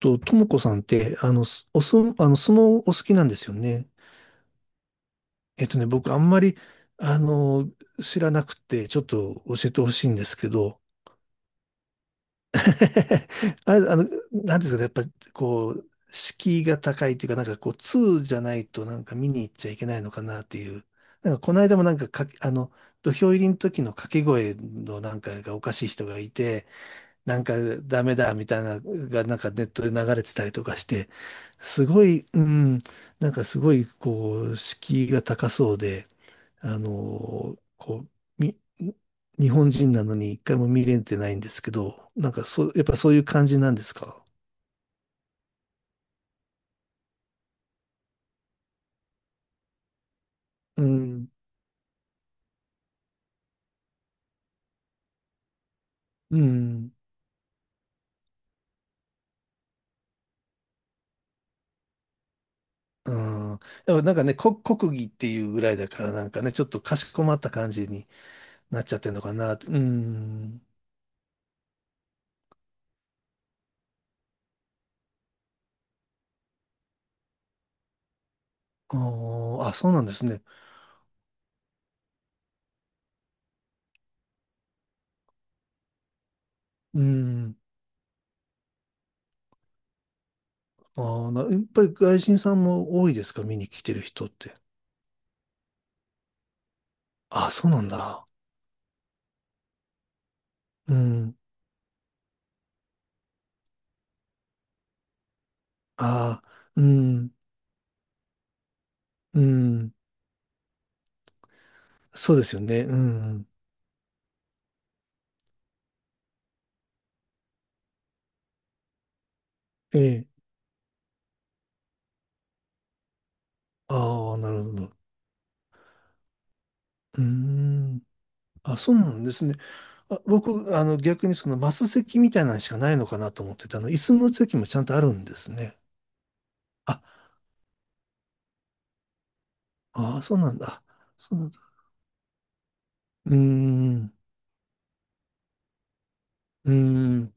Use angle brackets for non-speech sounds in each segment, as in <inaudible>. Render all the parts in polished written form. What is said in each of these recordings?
ともこさんって、すおそ、相撲お好きなんですよね。僕あんまり、あの、知らなくて、ちょっと教えてほしいんですけど、<laughs> あれ、なんていうんですかね、やっぱ、こう、敷居が高いというか、なんかこう、通じゃないとなんか見に行っちゃいけないのかなっていう。なんかこの間もなんか土俵入りの時の掛け声のなんかがおかしい人がいて、なんかダメだみたいなのがなんかネットで流れてたりとかして、すごい、なんかすごいこう、敷居が高そうで、こう、み、日本人なのに一回も見れてないんですけど、なんかそう、やっぱそういう感じなんですか？うん、うん、うん。でもなんかね、国技っていうぐらいだからなんかね、ちょっとかしこまった感じになっちゃってるのかな。うん。あーあ、そうなんですね。うん。ああ、やっぱり外人さんも多いですか？見に来てる人って。ああ、そうなんだ。うん。ああ、うん、うん。そうですよね。うん。ええ。ああ、なるほど。うーん。あ、そうなんですね。あ、僕、逆にそのマス席みたいなのしかないのかなと思ってたの、椅子の席もちゃんとあるんですね。あ、ああ、そうなんだ。そうなんだ。うーん、うーん、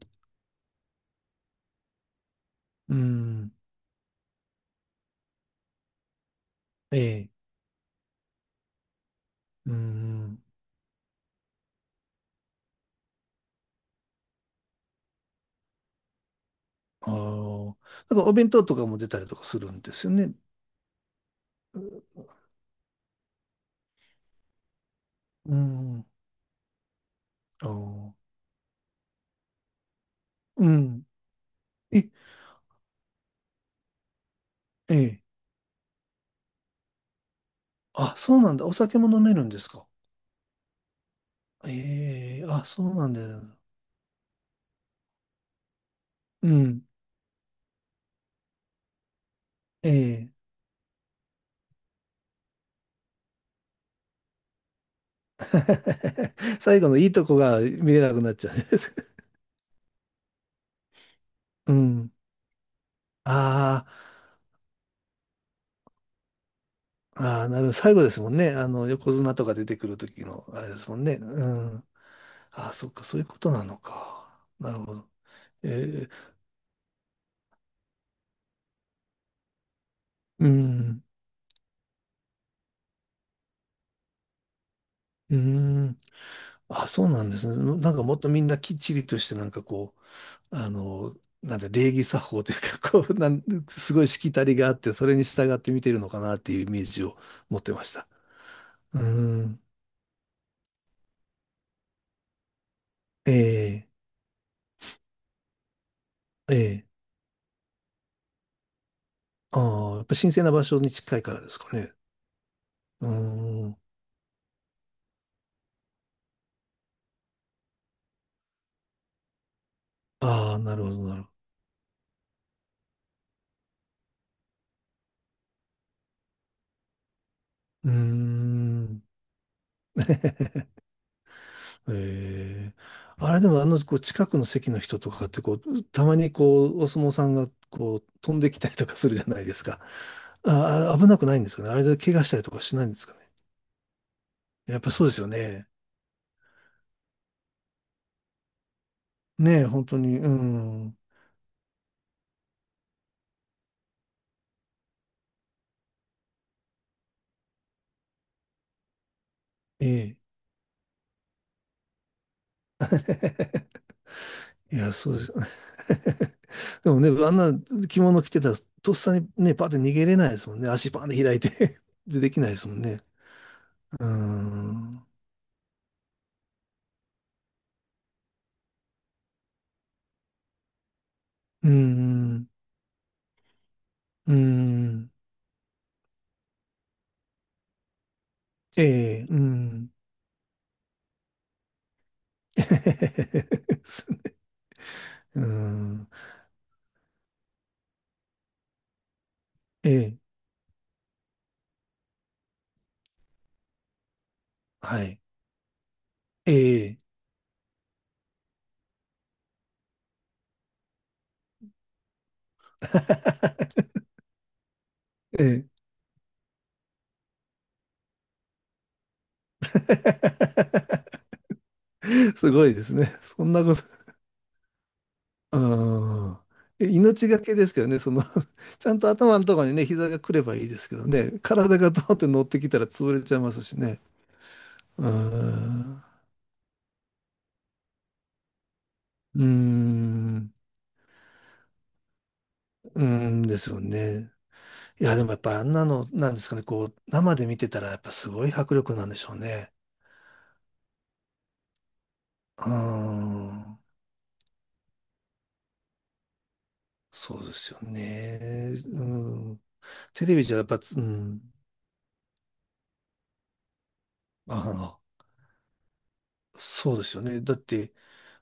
うーん、ええ、うーん。ああ、なんかお弁当とかも出たりとかするんですよね。うん。ああ、うん。え、ええ。あ、そうなんだ。お酒も飲めるんですか？ええ、あ、そうなんだよ。うん。ええ。<laughs> 最後のいいとこが見れなくなっちゃうんです。<laughs> うん。ああ、ああ、なるほど。最後ですもんね。横綱とか出てくる時の、あれですもんね。うん。ああ、そっか、そういうことなのか。なるほど。ええ、うん。うん。あ、そうなんですね。なんかもっとみんなきっちりとして、なんかこう、なんて礼儀作法というか、こう、<laughs> すごいしきたりがあって、それに従って見てるのかなっていうイメージを持ってました。うーん。ええええああ、やっぱ神聖な場所に近いからですかね。うーん。ああ、なるほど、なるほど。うーん。<laughs> ええあれでもこう近くの席の人とかってこう、たまにこう、お相撲さんがこう、飛んできたりとかするじゃないですか。ああ、危なくないんですかね。あれで怪我したりとかしないんですかね。やっぱそうですよね。ねえ、本当に。うん。ええ。<laughs> いや、そうです。<laughs> でもね、あんな着物着てたら、とっさにね、パッて逃げれないですもんね。足パーンで開いて <laughs> できないですもんね。うーん。うーん。うーん。ええ、うん。<laughs> うん。ええ。はい。ええ。<laughs> ええ。<laughs> すごいですね。そんなこと。うん。命がけですけどね、<laughs> ちゃんと頭のところにね、膝が来ればいいですけどね、体がドーンって乗ってきたら潰れちゃいますしね。うーん。うーん。うーんですよね。いや、でもやっぱあんなの、なんですかね、こう、生で見てたらやっぱすごい迫力なんでしょうね。うーん。そうですよね。うん。テレビじゃやっぱ、うん。ああ、そうですよね。だって、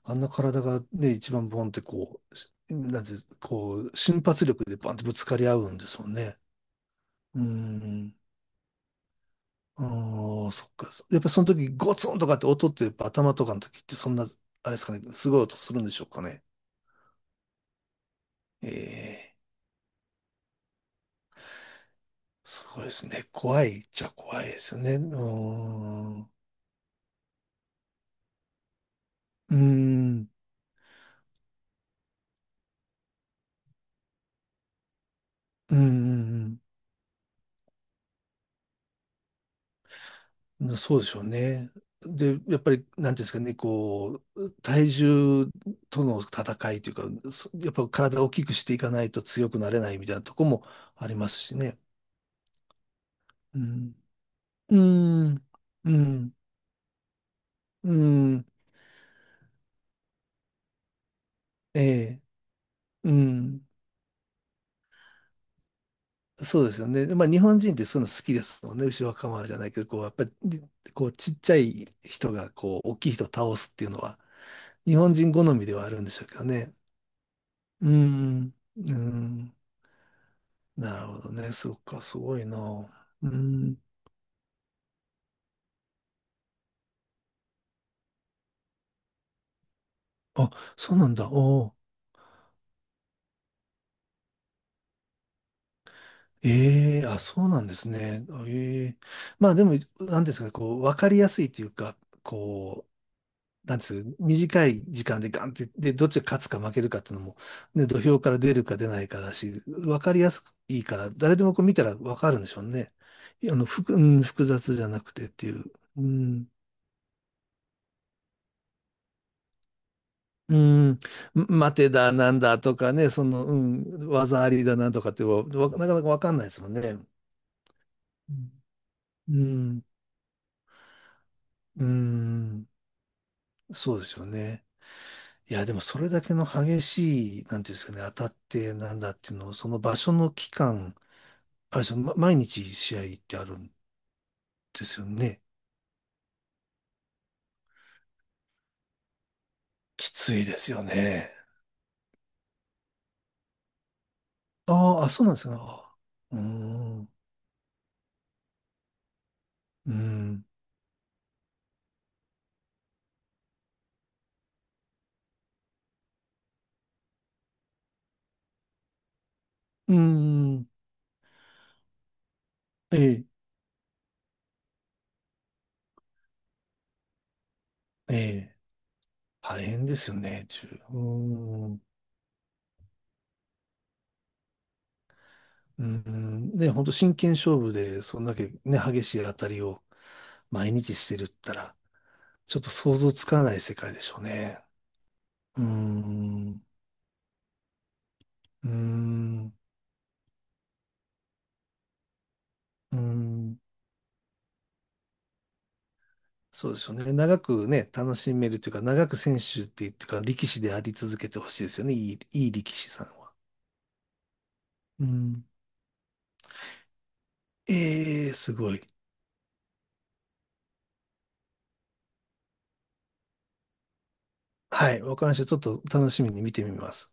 あんな体がね、一番ボンってこう、なんて、こう、瞬発力でバンってぶつかり合うんですもんね。うん。ああ、そっか。やっぱその時ゴツンとかって音ってやっぱ頭とかの時ってそんな、あれですかね、すごい音するんでしょうかね。ええ、そうですね。怖いっちゃ怖いですよね。うーん。うーん。うーん。そうでしょうね。で、やっぱり、なんていうんですかね、こう、体重との戦いというか、やっぱ体を大きくしていかないと強くなれないみたいなとこもありますしね。うん。うーん。うん。うん。ええ。うん。そうですよね。でまあ、日本人ってそういうの好きですもんね。牛若丸じゃないけど、こう、やっぱり、こう、ちっちゃい人が、こう、大きい人を倒すっていうのは、日本人好みではあるんでしょうけどね。うん。うん。なるほどね。そっか、すごいな。うん。あ、そうなんだ。おーええあ、そうなんですね。あええまあでも、なんですかね、こう、わかりやすいというか、こう、なんですかね、短い時間でガンって、で、どっちが勝つか負けるかっていうのも、ね、土俵から出るか出ないかだし、わかりやすくいいから、誰でもこう見たらわかるんでしょうね。いや、複雑じゃなくてっていう。うん。うん、待てだなんだとかね、技ありだなんとかってなかなかわかんないですもんね。うんうん、そうですよね。いや、でもそれだけの激しい、なんていうんですかね、当たってなんだっていうのを、その場所の期間、あれですよ、毎日試合ってあるんですよね。きついですよね。あーあ、そうなんですね。あーうーん、うーん、うーん、ええ、ええ、大変ですよね。うーんうん、ね、本当真剣勝負で、そんだけね、激しい当たりを毎日してるったら、ちょっと想像つかない世界でしょうね。うん、うん、うん、そうでしょうね。長くね、楽しめるというか、長く選手っていうか、力士であり続けてほしいですよね。いい力士さんは。うん、ええすごい。はい、わかりました。ちょっと楽しみに見てみます。